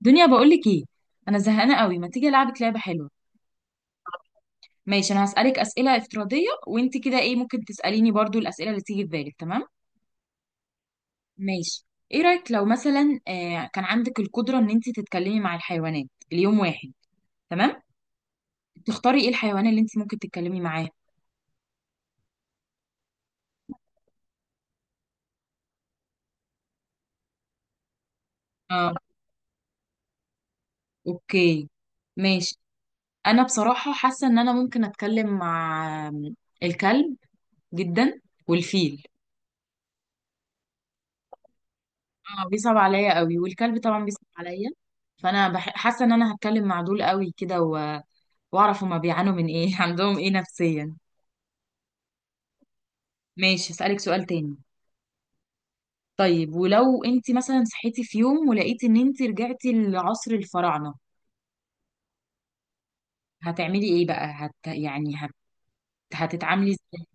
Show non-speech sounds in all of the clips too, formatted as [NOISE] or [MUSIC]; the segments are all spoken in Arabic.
دنيا، بقولك ايه؟ انا زهقانه قوي، ما تيجي العبك لعبه حلوه؟ ماشي، انا هسالك اسئله افتراضيه، وانت كده ايه ممكن تساليني برضو الاسئله اللي تيجي في بالك، تمام؟ ماشي. ايه رايك لو مثلا كان عندك القدره ان انت تتكلمي مع الحيوانات ليوم واحد؟ تمام. تختاري ايه الحيوان اللي انت ممكن تتكلمي معاه؟ اه، اوكي، ماشي. انا بصراحه حاسه ان انا ممكن اتكلم مع الكلب جدا، والفيل. اه، بيصعب عليا قوي، والكلب طبعا بيصعب عليا. فانا حاسه ان انا هتكلم مع دول قوي كده واعرف هما بيعانوا من ايه [LAUGHS] عندهم ايه نفسيا. ماشي، اسالك سؤال تاني. طيب، ولو انت مثلا صحيتي في يوم ولقيتي ان انت رجعتي لعصر الفراعنه. هتعملي ايه بقى؟ يعني هتتعاملي ازاي؟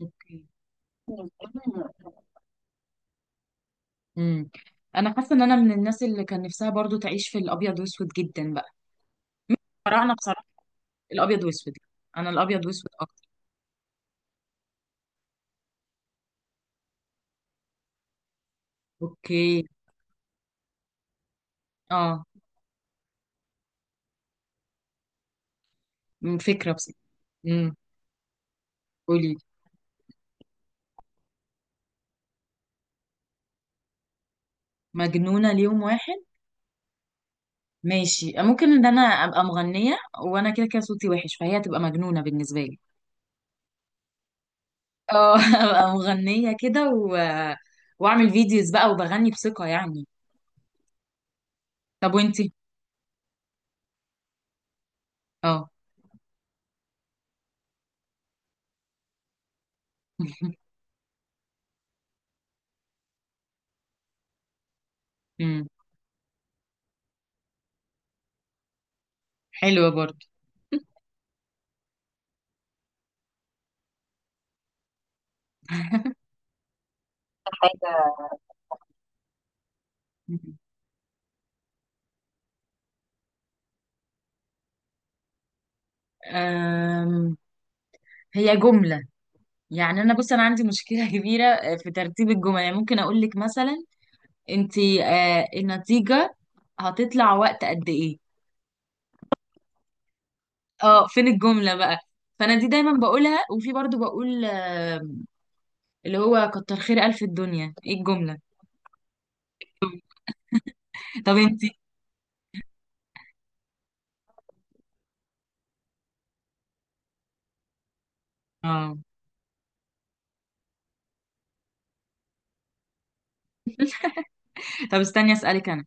أوكي. امم انا حاسه ان انا من الناس اللي كان نفسها برضو تعيش في الابيض واسود جدا بقى. الفراعنه بصراحه، الابيض واسود. انا الابيض واسود اكتر. اوكي. اه، فكرة بس. امم قولي. مجنونة ليوم واحد؟ ماشي، ممكن ان انا ابقى مغنية. وانا كده كده صوتي وحش، فهي هتبقى مجنونة بالنسبة لي. اه [LAUGHS] ابقى مغنية كده واعمل فيديوز بقى وبغني بثقة يعني. طب، وانتي؟ اه [LAUGHS] امم حلوة برضه. حاجة. أم... هي جملة. يعني انا بص، انا عندي مشكلة [LAUGHS] كبيرة في ترتيب الجمل، يعني ممكن اقول لك مثلا، انتي النتيجة هتطلع وقت قد ايه؟ اه، فين الجملة بقى؟ فانا دي دايما بقولها، وفي برضو بقول اللي هو كتر خير الف الدنيا، ايه الجملة؟ طب، انتي؟ اه. طب، استني اسألك انا.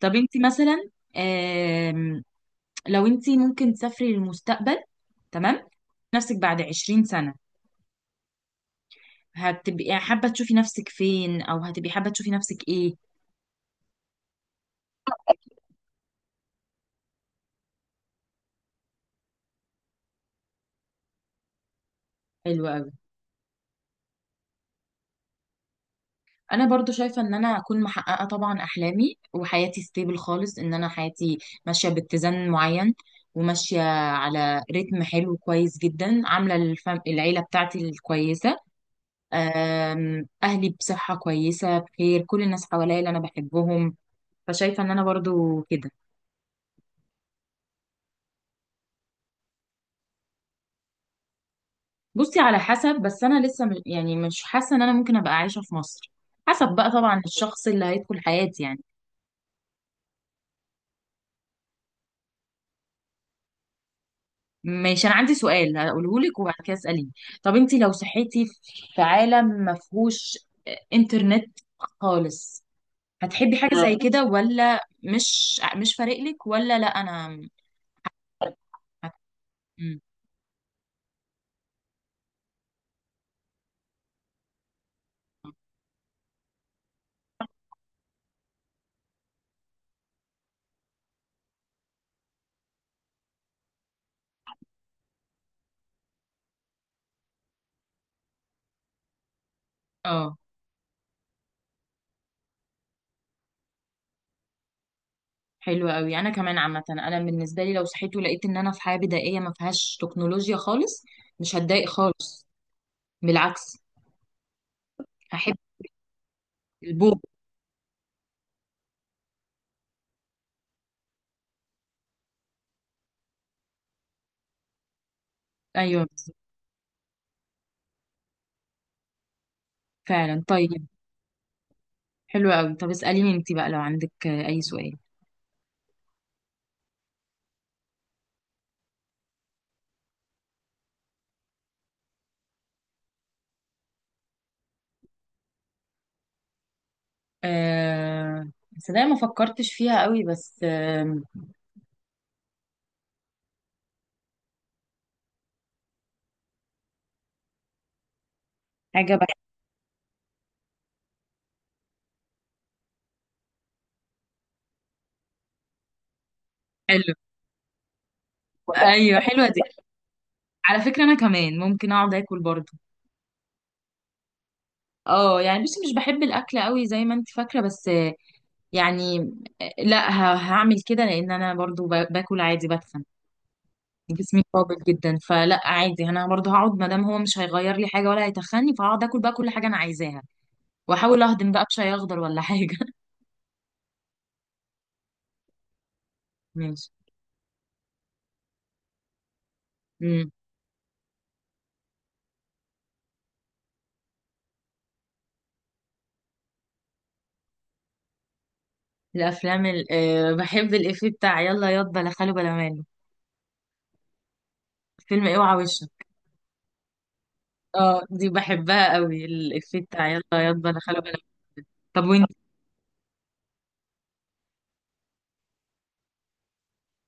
طب، انتي مثلا، آم، لو انتي ممكن تسافري للمستقبل، تمام، نفسك بعد 20 سنة، هتبقي حابة تشوفي نفسك فين او هتبقي حابة تشوفي نفسك ايه؟ حلو قوي. انا برضو شايفه ان انا اكون محققه طبعا احلامي، وحياتي ستيبل خالص، ان انا حياتي ماشيه باتزان معين، وماشيه على رتم حلو كويس جدا، عامله العيله بتاعتي الكويسه. اهلي بصحه كويسه، بخير، كل الناس حواليا اللي انا بحبهم. فشايفه ان انا برضو كده. بصي، على حسب، بس انا لسه يعني مش حاسه ان انا ممكن ابقى عايشه في مصر. حسب بقى طبعا الشخص اللي هيدخل حياتي يعني. ماشي، انا عندي سؤال هقوله لك وبعد كده اساليني. طب انت لو صحيتي في عالم ما فيهوش انترنت خالص، هتحبي حاجه زي كده ولا مش فارق لك، ولا لا انا هت... مم. اه، حلو قوي. انا كمان، عامه، انا بالنسبه لي لو صحيت ولقيت ان انا في حياه بدائيه ما فيهاش تكنولوجيا خالص، مش هتضايق خالص. بالعكس. هحب. البوم. ايوه بالظبط. فعلا، طيب. حلو قوي، طب اساليني انت بقى لو عندك اي سؤال. آه صدق ما فكرتش فيها قوي بس. حاجة بقى. حلو. ايوه، حلوة دي. على فكرة، انا كمان ممكن اقعد اكل برضه. اه، يعني بس مش بحب الاكل قوي زي ما انت فاكرة، بس يعني لا هعمل كده لان انا برضه باكل عادي بتخن. جسمي قابل جدا، فلا عادي، انا برضه هقعد ما دام هو مش هيغير لي حاجة ولا هيتخني، فهقعد اكل بقى كل حاجة انا عايزاها. واحاول اهضم بقى بشاي اخضر ولا حاجة [LAUGHS] ماشي. الافلام ال... آه، بحب الافيه بتاع يلا ياض بلا خاله بلا ماله. فيلم اوعى وشك. اه، دي بحبها قوي، الافيه بتاع يلا ياض بلا خاله بلا ماله. طب، وانت؟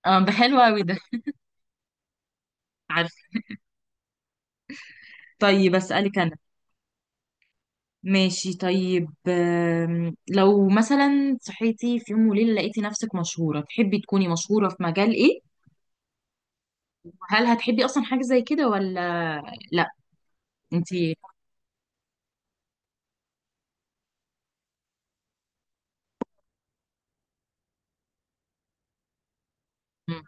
اه، ده حلو قوي ده. عارف. طيب، اسالك انا. ماشي، طيب، لو مثلا صحيتي في يوم وليله لقيتي نفسك مشهوره، تحبي تكوني مشهوره في مجال ايه؟ هل هتحبي اصلا حاجه زي كده ولا؟ لا. انتي؟ مم،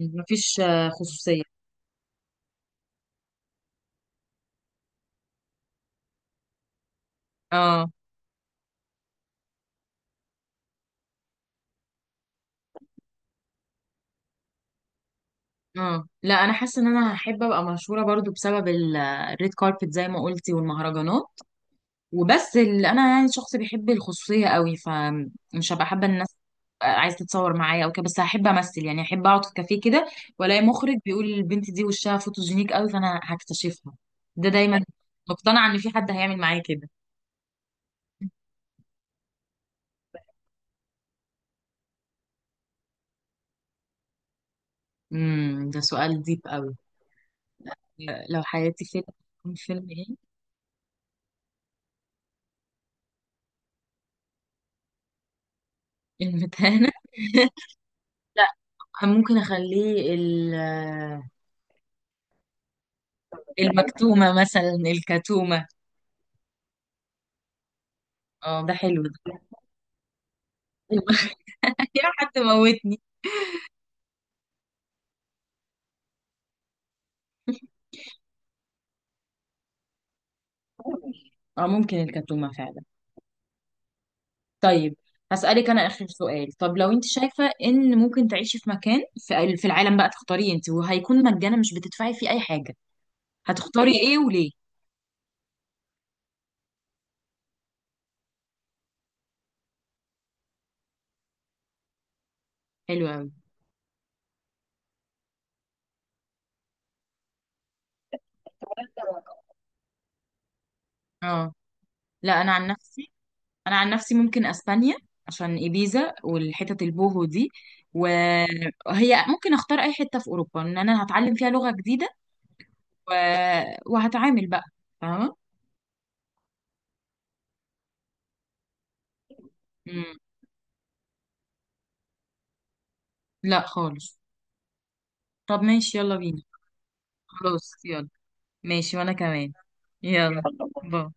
مفيش خصوصيه. اه. اه، لا انا حاسه ان انا هحب ابقى مشهوره برضو بسبب الريد كاربت زي ما قلتي والمهرجانات. وبس، اللي انا يعني شخص بيحب الخصوصيه قوي، فمش هبقى حابه الناس عايز تتصور معايا او كده، بس هحب امثل، يعني احب اقعد في كافيه كده، والاقي مخرج بيقول البنت دي وشها فوتوجينيك قوي، فانا هكتشفها. ده دايما مقتنعه ان في حد هيعمل معايا كده. ده سؤال ديب قوي. لو حياتي فيلم، يكون فيلم ايه؟ المتهانه [LAUGHS] لا، ممكن اخليه المكتومة مثلا، الكتومة. اه، ده حلو ده. [LAUGHS] يا حد موتني! اه، ممكن الكتومة فعلا. طيب. هسألك أنا آخر سؤال، طب لو أنت شايفة إن ممكن تعيشي في مكان في العالم بقى تختاري أنت، وهيكون مجانا، مش بتدفعي فيه أي حاجة. هتختاري إيه وليه؟ حلو أوي. اه، لا، أنا عن نفسي، أنا عن نفسي ممكن أسبانيا، عشان إيبيزا والحتت البوهو دي، وهي ممكن أختار أي حتة في أوروبا، إن أنا هتعلم فيها لغة جديدة و... وهتعامل بقى. فاهمة؟ مم. لا خالص. طب، ماشي، يلا بينا. خلاص، يلا. ماشي، وانا كمان. يلا، باي.